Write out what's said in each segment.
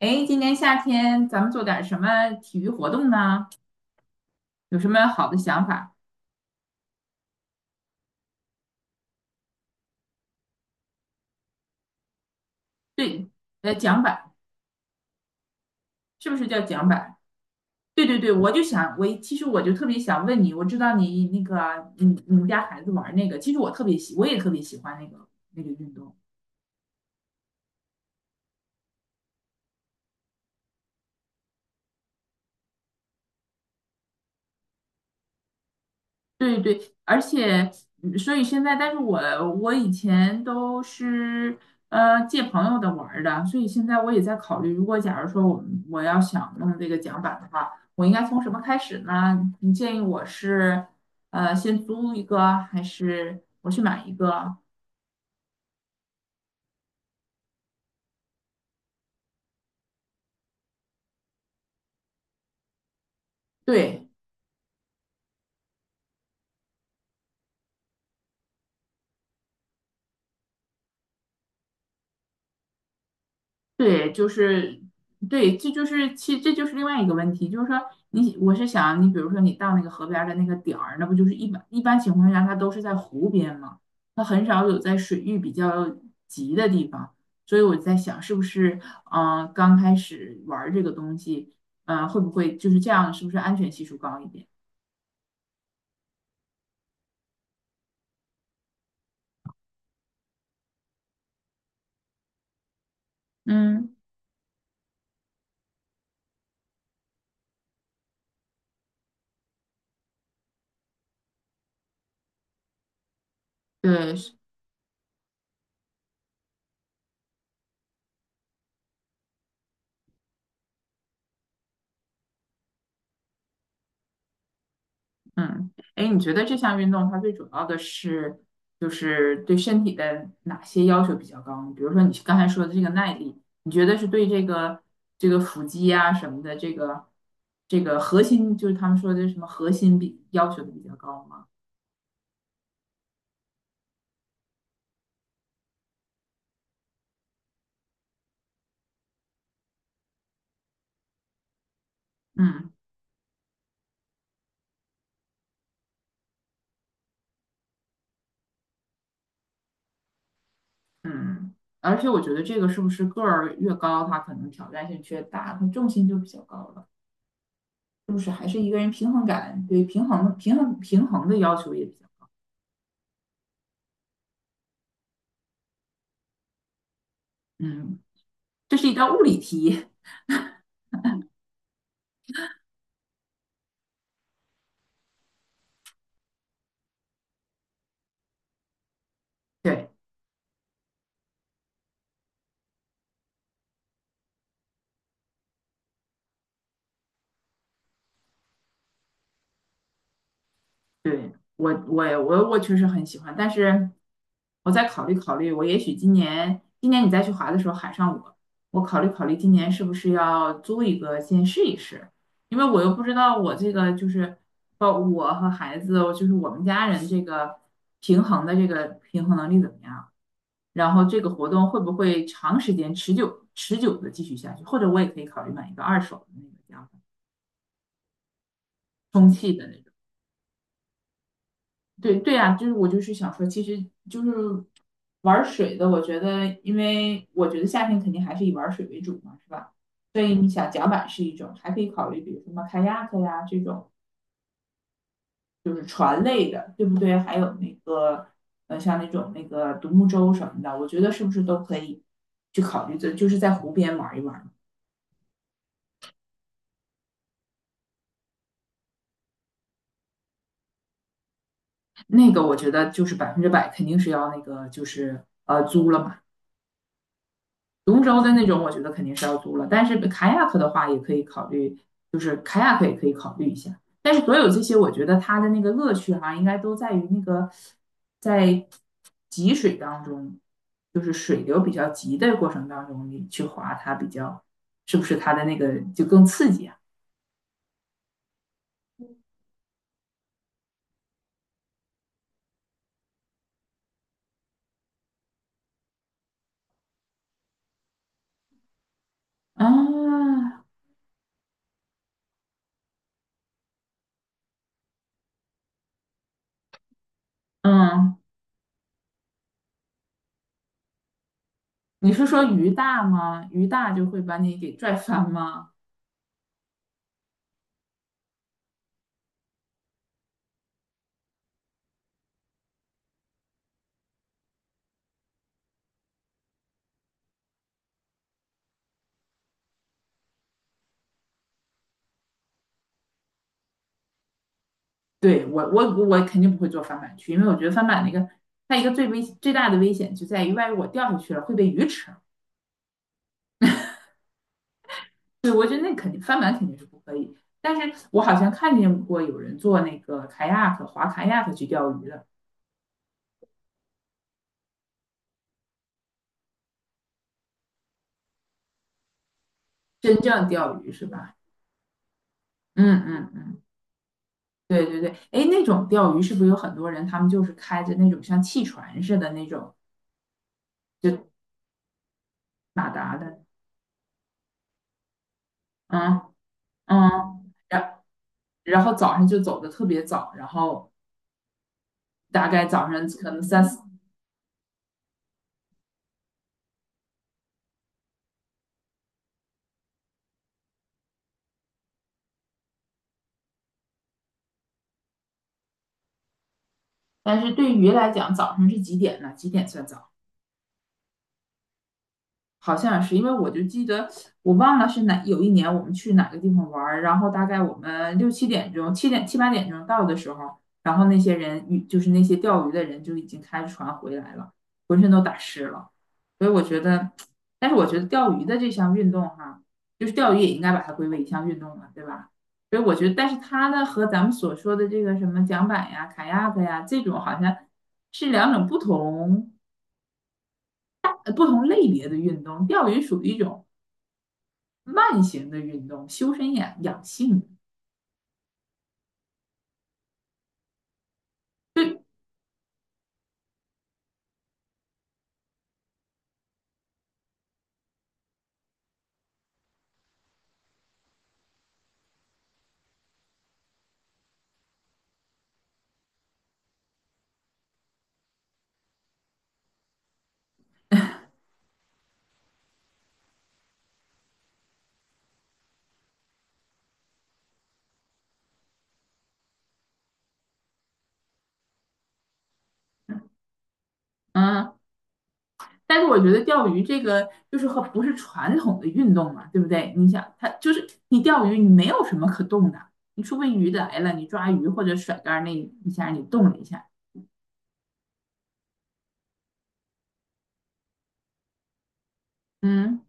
哎，今年夏天咱们做点什么体育活动呢？有什么好的想法？对，桨板是不是叫桨板？对对对，我就想，我其实就特别想问你，我知道你那个，你们家孩子玩那个，其实我特别喜，我也特别喜欢那个运动。对对，而且所以现在，但是我我以前都是借朋友的玩儿的，所以现在我也在考虑，假如说我要想弄这个桨板的话，我应该从什么开始呢？你建议我是先租一个，还是我去买一个？对，对，对，这就是另外一个问题，就是说我是想你比如说你到那个河边儿的那个点儿，那不就是一般情况下它都是在湖边嘛，它很少有在水域比较急的地方，所以我在想是不是刚开始玩儿这个东西，会不会就是这样，是不是安全系数高一点？嗯，对，嗯，哎，你觉得这项运动它最主要的是，就是对身体的哪些要求比较高呢，比如说你刚才说的这个耐力，你觉得是对这个腹肌啊什么的，这个核心，就是他们说的什么核心比要求的比较高吗？嗯嗯，而且我觉得这个是不是个儿越高，它可能挑战性越大，它重心就比较高了，是不是？还是一个人平衡感，对平衡的要求也比较，嗯，这是一道物理题。对。对，我确实很喜欢，但是我再考虑考虑，我也许今年你再去滑的时候喊上我，我考虑考虑今年是不是要租一个先试一试，因为我又不知道我这个就是包括我和孩子，就是我们家人这个平衡的这个平衡能力怎么样，然后这个活动会不会长时间持久的继续下去，或者我也可以考虑买一个二手的那个叫充气的那种。对对呀，就是我就是想说，其实就是玩水的，我觉得，因为我觉得夏天肯定还是以玩水为主嘛，是吧？所以你想，甲板是一种，还可以考虑，比如什么 kayak 呀这种，就是船类的，对不对？还有那个，像那种那个独木舟什么的，我觉得是不是都可以去考虑的，就是在湖边玩一玩。那个我觉得就是百分之百肯定是要那个租了嘛。龙舟的那种，我觉得肯定是要租了，但是 k a 克的话也可以考虑，就是 k a 克也可以考虑一下。但是所有这些，我觉得它的那个乐趣哈、应该都在于那个在急水当中，就是水流比较急的过程当中，你去划它比较，是不是它的那个就更刺激啊？啊，嗯，你是说鱼大吗？鱼大就会把你给拽翻吗？对，我肯定不会做翻板区，因为我觉得翻板那个它一个最大的危险就在于，万一我掉下去了会被鱼吃。对，我觉得那肯定翻板肯定是不可以。但是我好像看见过有人做那个凯亚 y a k 划 k a y 去钓鱼的，真正钓鱼是吧？嗯嗯嗯，对对对。哎，那种钓鱼是不是有很多人他们就是开着那种像汽船似的那种，就马达的，嗯嗯，然然后早上就走的特别早，然后大概早上可能三四。但是对于来讲，早上是几点呢？几点算早？好像是因为我就记得我忘了是哪有一年我们去哪个地方玩儿，然后大概我们六七点钟、七八点钟到的时候，然后那些钓鱼的人就已经开着船回来了，浑身都打湿了。所以我觉得，但是我觉得钓鱼的这项运动哈，就是钓鱼也应该把它归为一项运动了，对吧？所以我觉得，但是它呢和咱们所说的这个什么桨板呀、卡亚克呀这种好像是两种不同不同类别的运动，钓鱼属于一种。慢型的运动，修身养性。对，嗯，但是我觉得钓鱼这个就是和不是传统的运动嘛，对不对？你想，它就是你钓鱼，你没有什么可动的，你除非鱼来了，你抓鱼或者甩竿那一下你动了一下，嗯，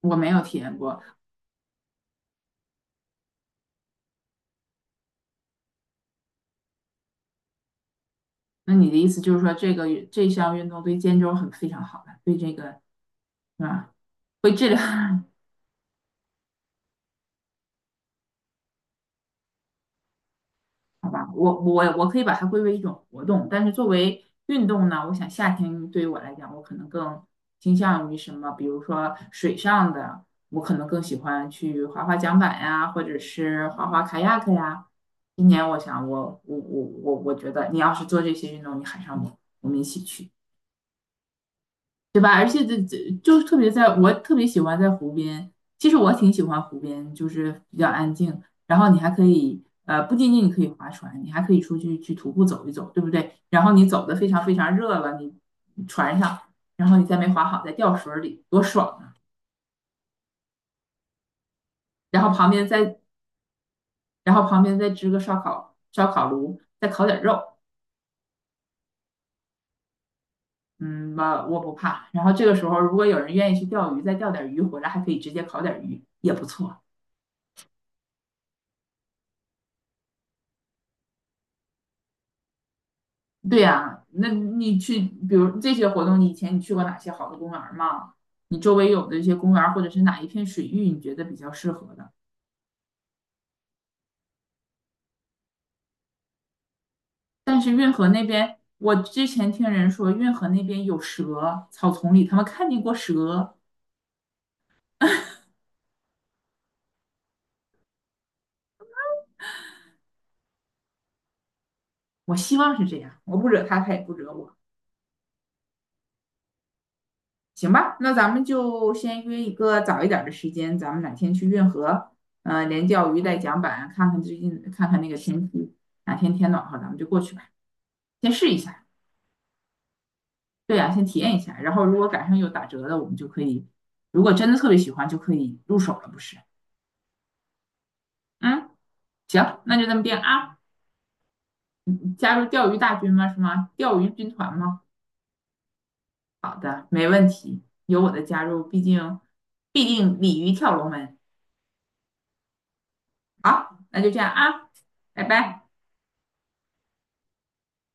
我没有体验过。那你的意思就是说，这个这项运动对肩周很非常好了，对这个是吧？会治疗。好吧，我可以把它归为一种活动，但是作为运动呢，我想夏天对于我来讲，我可能更倾向于什么，比如说水上的，我可能更喜欢去滑滑桨板呀，或者是滑滑卡 a 克呀。今年我想我觉得你要是做这些运动，你喊上我，我们一起去。对吧？而且这就特别在，我特别喜欢在湖边。其实我挺喜欢湖边，就是比较安静。然后你还可以，不仅仅你可以划船，你还可以出去去徒步走一走，对不对？然后你走的非常热了，你船上，然后你再没划好，再掉水里，多爽啊！然后旁边再，然后旁边再支个烧烤炉，再烤点肉，嗯我我不怕。然后这个时候，如果有人愿意去钓鱼，再钓点鱼回来，还可以直接烤点鱼，也不错。对呀，那你去，比如这些活动，你以前你去过哪些好的公园儿吗？你周围有的一些公园儿或者是哪一片水域，你觉得比较适合的？但是运河那边，我之前听人说运河那边有蛇，草丛里他们看见过蛇。我希望是这样，我不惹他，他也不惹我，行吧？那咱们就先约一个早一点儿的时间，咱们哪天去运河，连钓鱼带桨板，看看最近，看看那个天气，哪天天暖和，咱们就过去吧，先试一下。对呀，先体验一下，然后如果赶上有打折的，我们就可以，如果真的特别喜欢，就可以入手了，不是？嗯，行，那就这么定啊。你加入钓鱼大军吗？是吗？钓鱼军团吗？好的，没问题，有我的加入，毕竟必定鲤鱼跳龙门。好，那就这样啊，拜拜。